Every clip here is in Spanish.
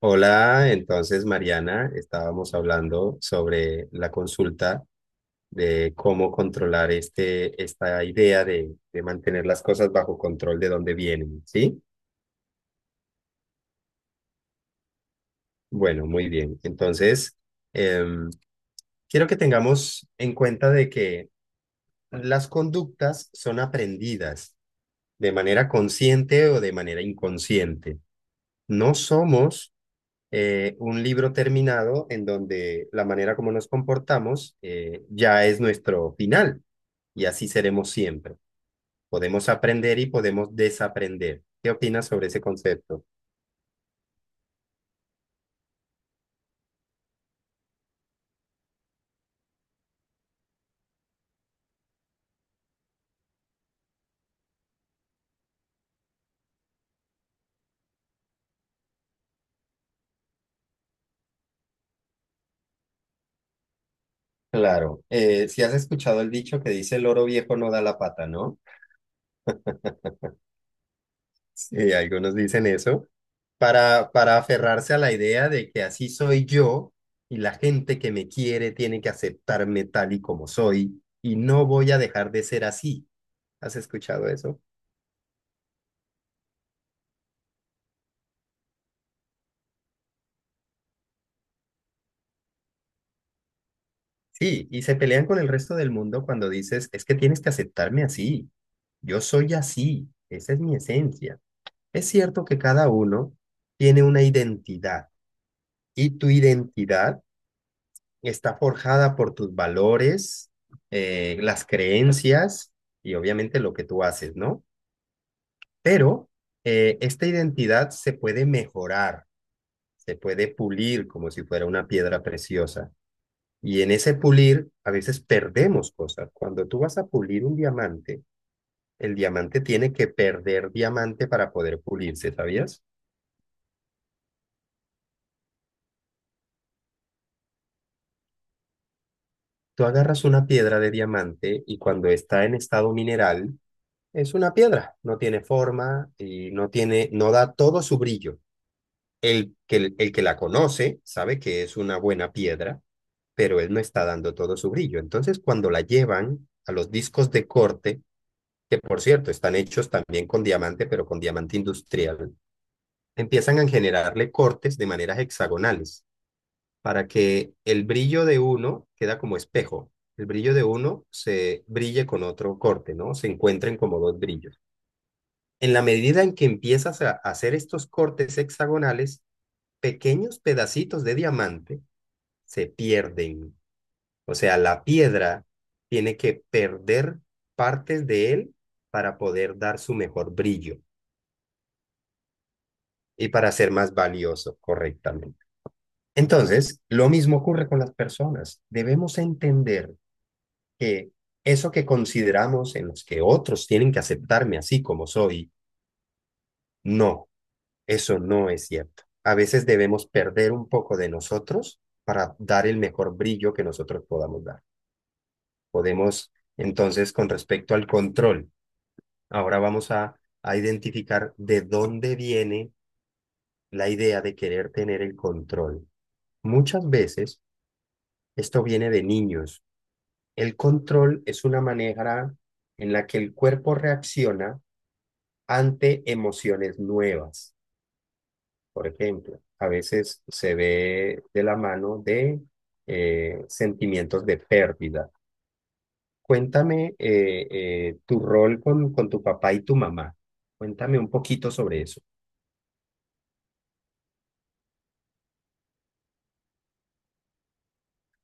Hola, entonces Mariana, estábamos hablando sobre la consulta de cómo controlar este, esta idea de mantener las cosas bajo control de dónde vienen, ¿sí? Bueno, muy bien. Entonces, em, quiero que tengamos en cuenta de que las conductas son aprendidas de manera consciente o de manera inconsciente. No somos un libro terminado en donde la manera como nos comportamos ya es nuestro final y así seremos siempre. Podemos aprender y podemos desaprender. ¿Qué opinas sobre ese concepto? Claro, si has escuchado el dicho que dice el loro viejo no da la pata, ¿no? Sí, algunos dicen eso, para aferrarse a la idea de que así soy yo y la gente que me quiere tiene que aceptarme tal y como soy y no voy a dejar de ser así. ¿Has escuchado eso? Sí, y se pelean con el resto del mundo cuando dices, es que tienes que aceptarme así, yo soy así, esa es mi esencia. Es cierto que cada uno tiene una identidad y tu identidad está forjada por tus valores, las creencias y obviamente lo que tú haces, ¿no? Pero esta identidad se puede mejorar, se puede pulir como si fuera una piedra preciosa. Y en ese pulir a veces perdemos cosas. Cuando tú vas a pulir un diamante, el diamante tiene que perder diamante para poder pulirse, ¿sabías? Tú agarras una piedra de diamante y cuando está en estado mineral, es una piedra, no tiene forma y no tiene, no da todo su brillo. El que la conoce sabe que es una buena piedra, pero él no está dando todo su brillo. Entonces, cuando la llevan a los discos de corte, que por cierto están hechos también con diamante, pero con diamante industrial, empiezan a generarle cortes de maneras hexagonales para que el brillo de uno queda como espejo. El brillo de uno se brille con otro corte, ¿no? Se encuentren como dos brillos. En la medida en que empiezas a hacer estos cortes hexagonales, pequeños pedacitos de diamante se pierden. O sea, la piedra tiene que perder partes de él para poder dar su mejor brillo. Y para ser más valioso correctamente. Entonces, lo mismo ocurre con las personas. Debemos entender que eso que consideramos en los que otros tienen que aceptarme así como soy, no, eso no es cierto. A veces debemos perder un poco de nosotros para dar el mejor brillo que nosotros podamos dar. Podemos, entonces, con respecto al control, ahora vamos a identificar de dónde viene la idea de querer tener el control. Muchas veces esto viene de niños. El control es una manera en la que el cuerpo reacciona ante emociones nuevas. Por ejemplo, a veces se ve de la mano de sentimientos de pérdida. Cuéntame tu rol con tu papá y tu mamá. Cuéntame un poquito sobre eso.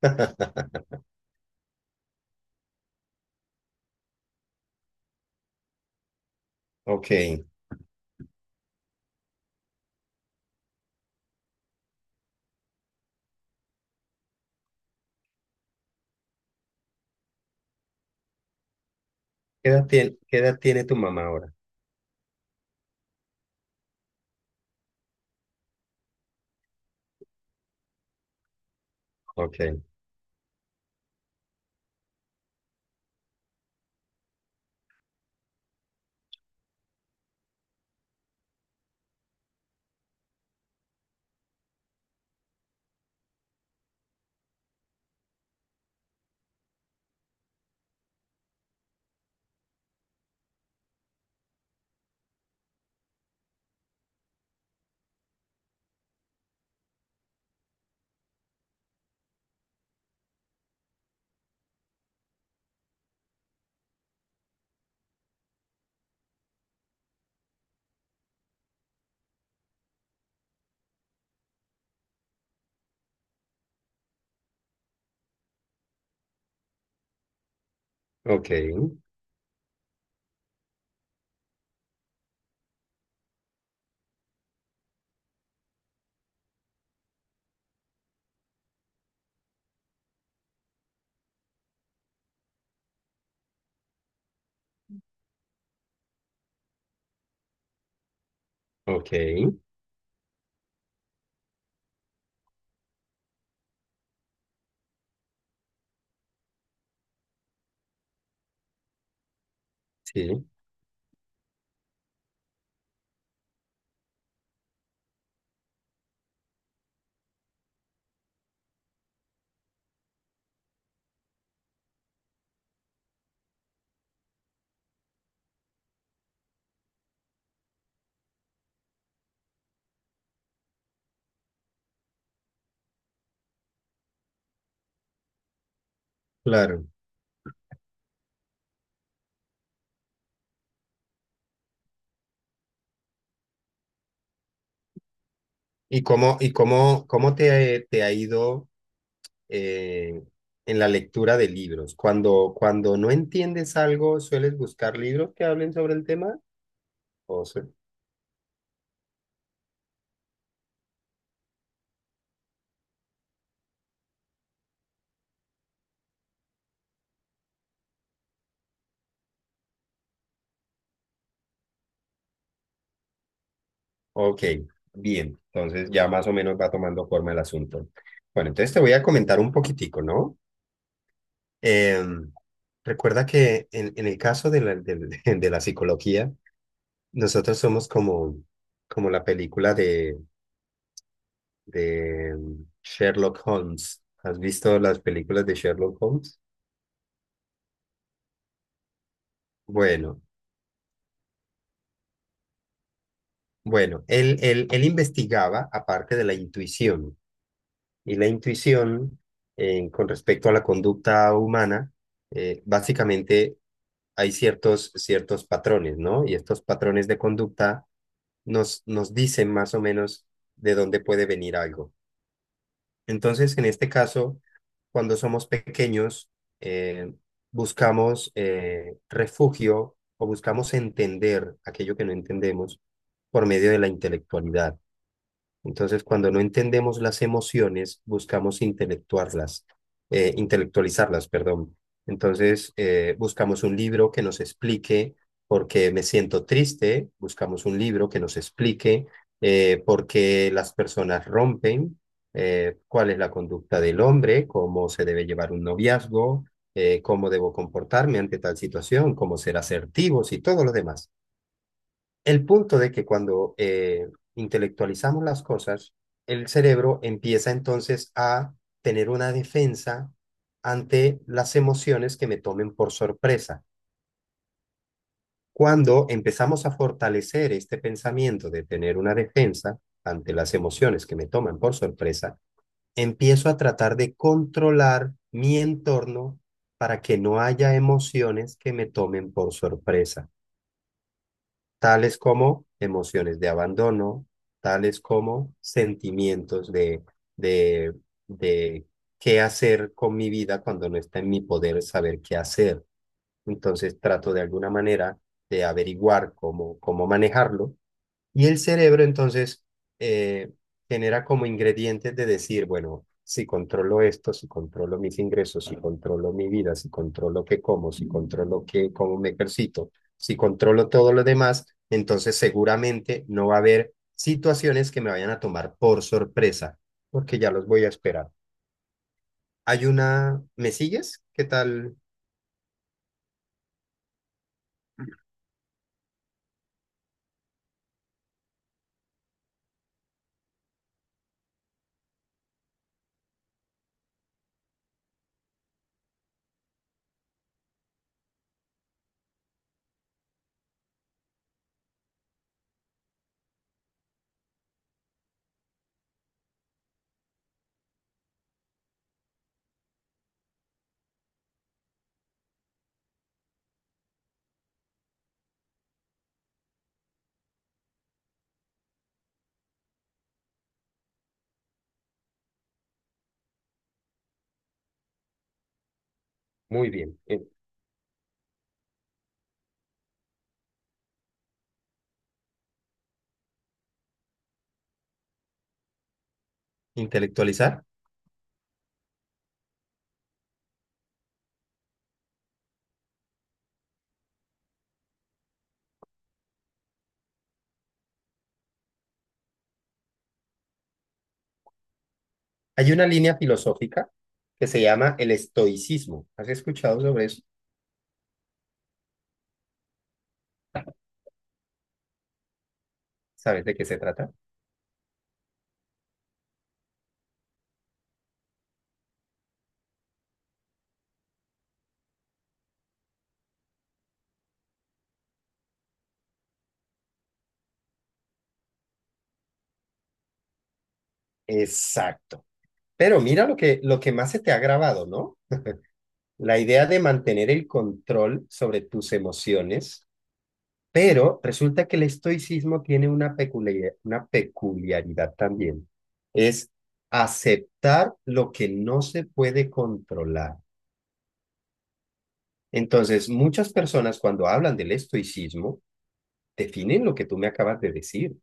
Ok. ¿Qué edad tiene tu mamá ahora? Ok, ok, ok, sí, claro. ¿Y cómo te ha ido eh, en la lectura de libros? Cuando no entiendes algo, ¿sueles buscar libros que hablen sobre el tema? O se- ok, bien. Entonces ya más o menos va tomando forma el asunto. Bueno, entonces te voy a comentar un poquitico, ¿no? Em, recuerda que en el caso de la, del- de la psicología, nosotros somos como, como la película de Sherlock Holmes. ¿Has visto las películas de Sherlock Holmes? Bueno, bueno, él investigaba aparte de la intuición y la intuición con respecto a la conducta humana, básicamente hay ciertos patrones, ¿no? Y estos patrones de conducta nos dicen más o menos de dónde puede venir algo. Entonces, en este caso, cuando somos pequeños, eh, buscamos refugio o buscamos entender aquello que no entendemos por medio de la intelectualidad. Entonces, cuando no entendemos las emociones, buscamos intelectuarlas, intelectualizarlas, perdón. Entonces, buscamos un libro que nos explique por qué me siento triste, buscamos un libro que nos explique por qué las personas rompen, cuál es la conducta del hombre, cómo se debe llevar un noviazgo, cómo debo comportarme ante tal situación, cómo ser asertivos y todo lo demás. El punto de que cuando intelectualizamos las cosas, el cerebro empieza entonces a tener una defensa ante las emociones que me tomen por sorpresa. Cuando empezamos a fortalecer este pensamiento de tener una defensa ante las emociones que me toman por sorpresa, empiezo a tratar de controlar mi entorno para que no haya emociones que me tomen por sorpresa, tales como emociones de abandono, tales como sentimientos de, de qué hacer con mi vida cuando no está en mi poder saber qué hacer. Entonces trato de alguna manera de averiguar cómo manejarlo y el cerebro entonces eh, genera como ingredientes de decir, bueno, si controlo esto, si controlo mis ingresos, si controlo mi vida, si controlo qué como, si controlo qué, cómo me ejercito, si controlo todo lo demás, entonces seguramente no va a haber situaciones que me vayan a tomar por sorpresa, porque ya los voy a esperar. Hay una, ¿me sigues? ¿Qué tal? Muy bien. Intelectualizar. Hay una línea filosófica que se llama el estoicismo. ¿Has escuchado sobre eso? ¿Sabes de qué se trata? Exacto. Pero mira lo que más se te ha grabado, ¿no? La idea de mantener el control sobre tus emociones, pero resulta que el estoicismo tiene una peculiaridad también. Es aceptar lo que no se puede controlar. Entonces, muchas personas cuando hablan del estoicismo definen lo que tú me acabas de decir.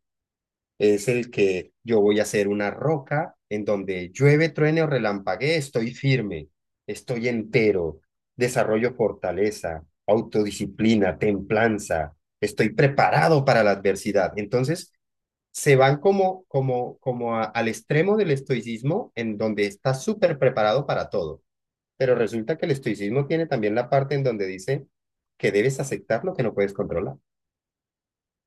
Es el que yo voy a ser una roca en donde llueve, truene o relampaguee, estoy firme, estoy entero, desarrollo fortaleza, autodisciplina, templanza, estoy preparado para la adversidad. Entonces, se van como, como a- al extremo del estoicismo en donde está súper preparado para todo. Pero resulta que el estoicismo tiene también la parte en donde dice que debes aceptar lo que no puedes controlar.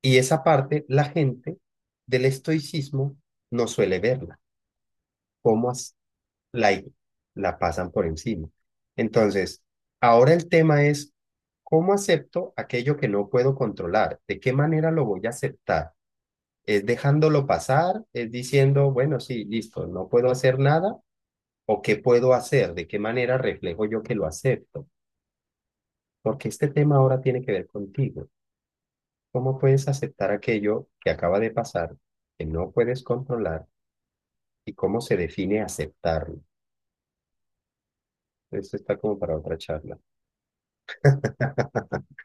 Y esa parte la gente del estoicismo no suele verla, cómo la, la pasan por encima. Entonces, ahora el tema es, ¿cómo acepto aquello que no puedo controlar? ¿De qué manera lo voy a aceptar? ¿Es dejándolo pasar? ¿Es diciendo, bueno, sí, listo, no puedo hacer nada? ¿O qué puedo hacer? ¿De qué manera reflejo yo que lo acepto? Porque este tema ahora tiene que ver contigo. ¿Cómo puedes aceptar aquello que acaba de pasar, que no puedes controlar? ¿Y cómo se define aceptarlo? Eso está como para otra charla.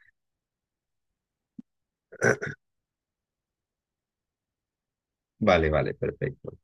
Vale, vale, perfecto.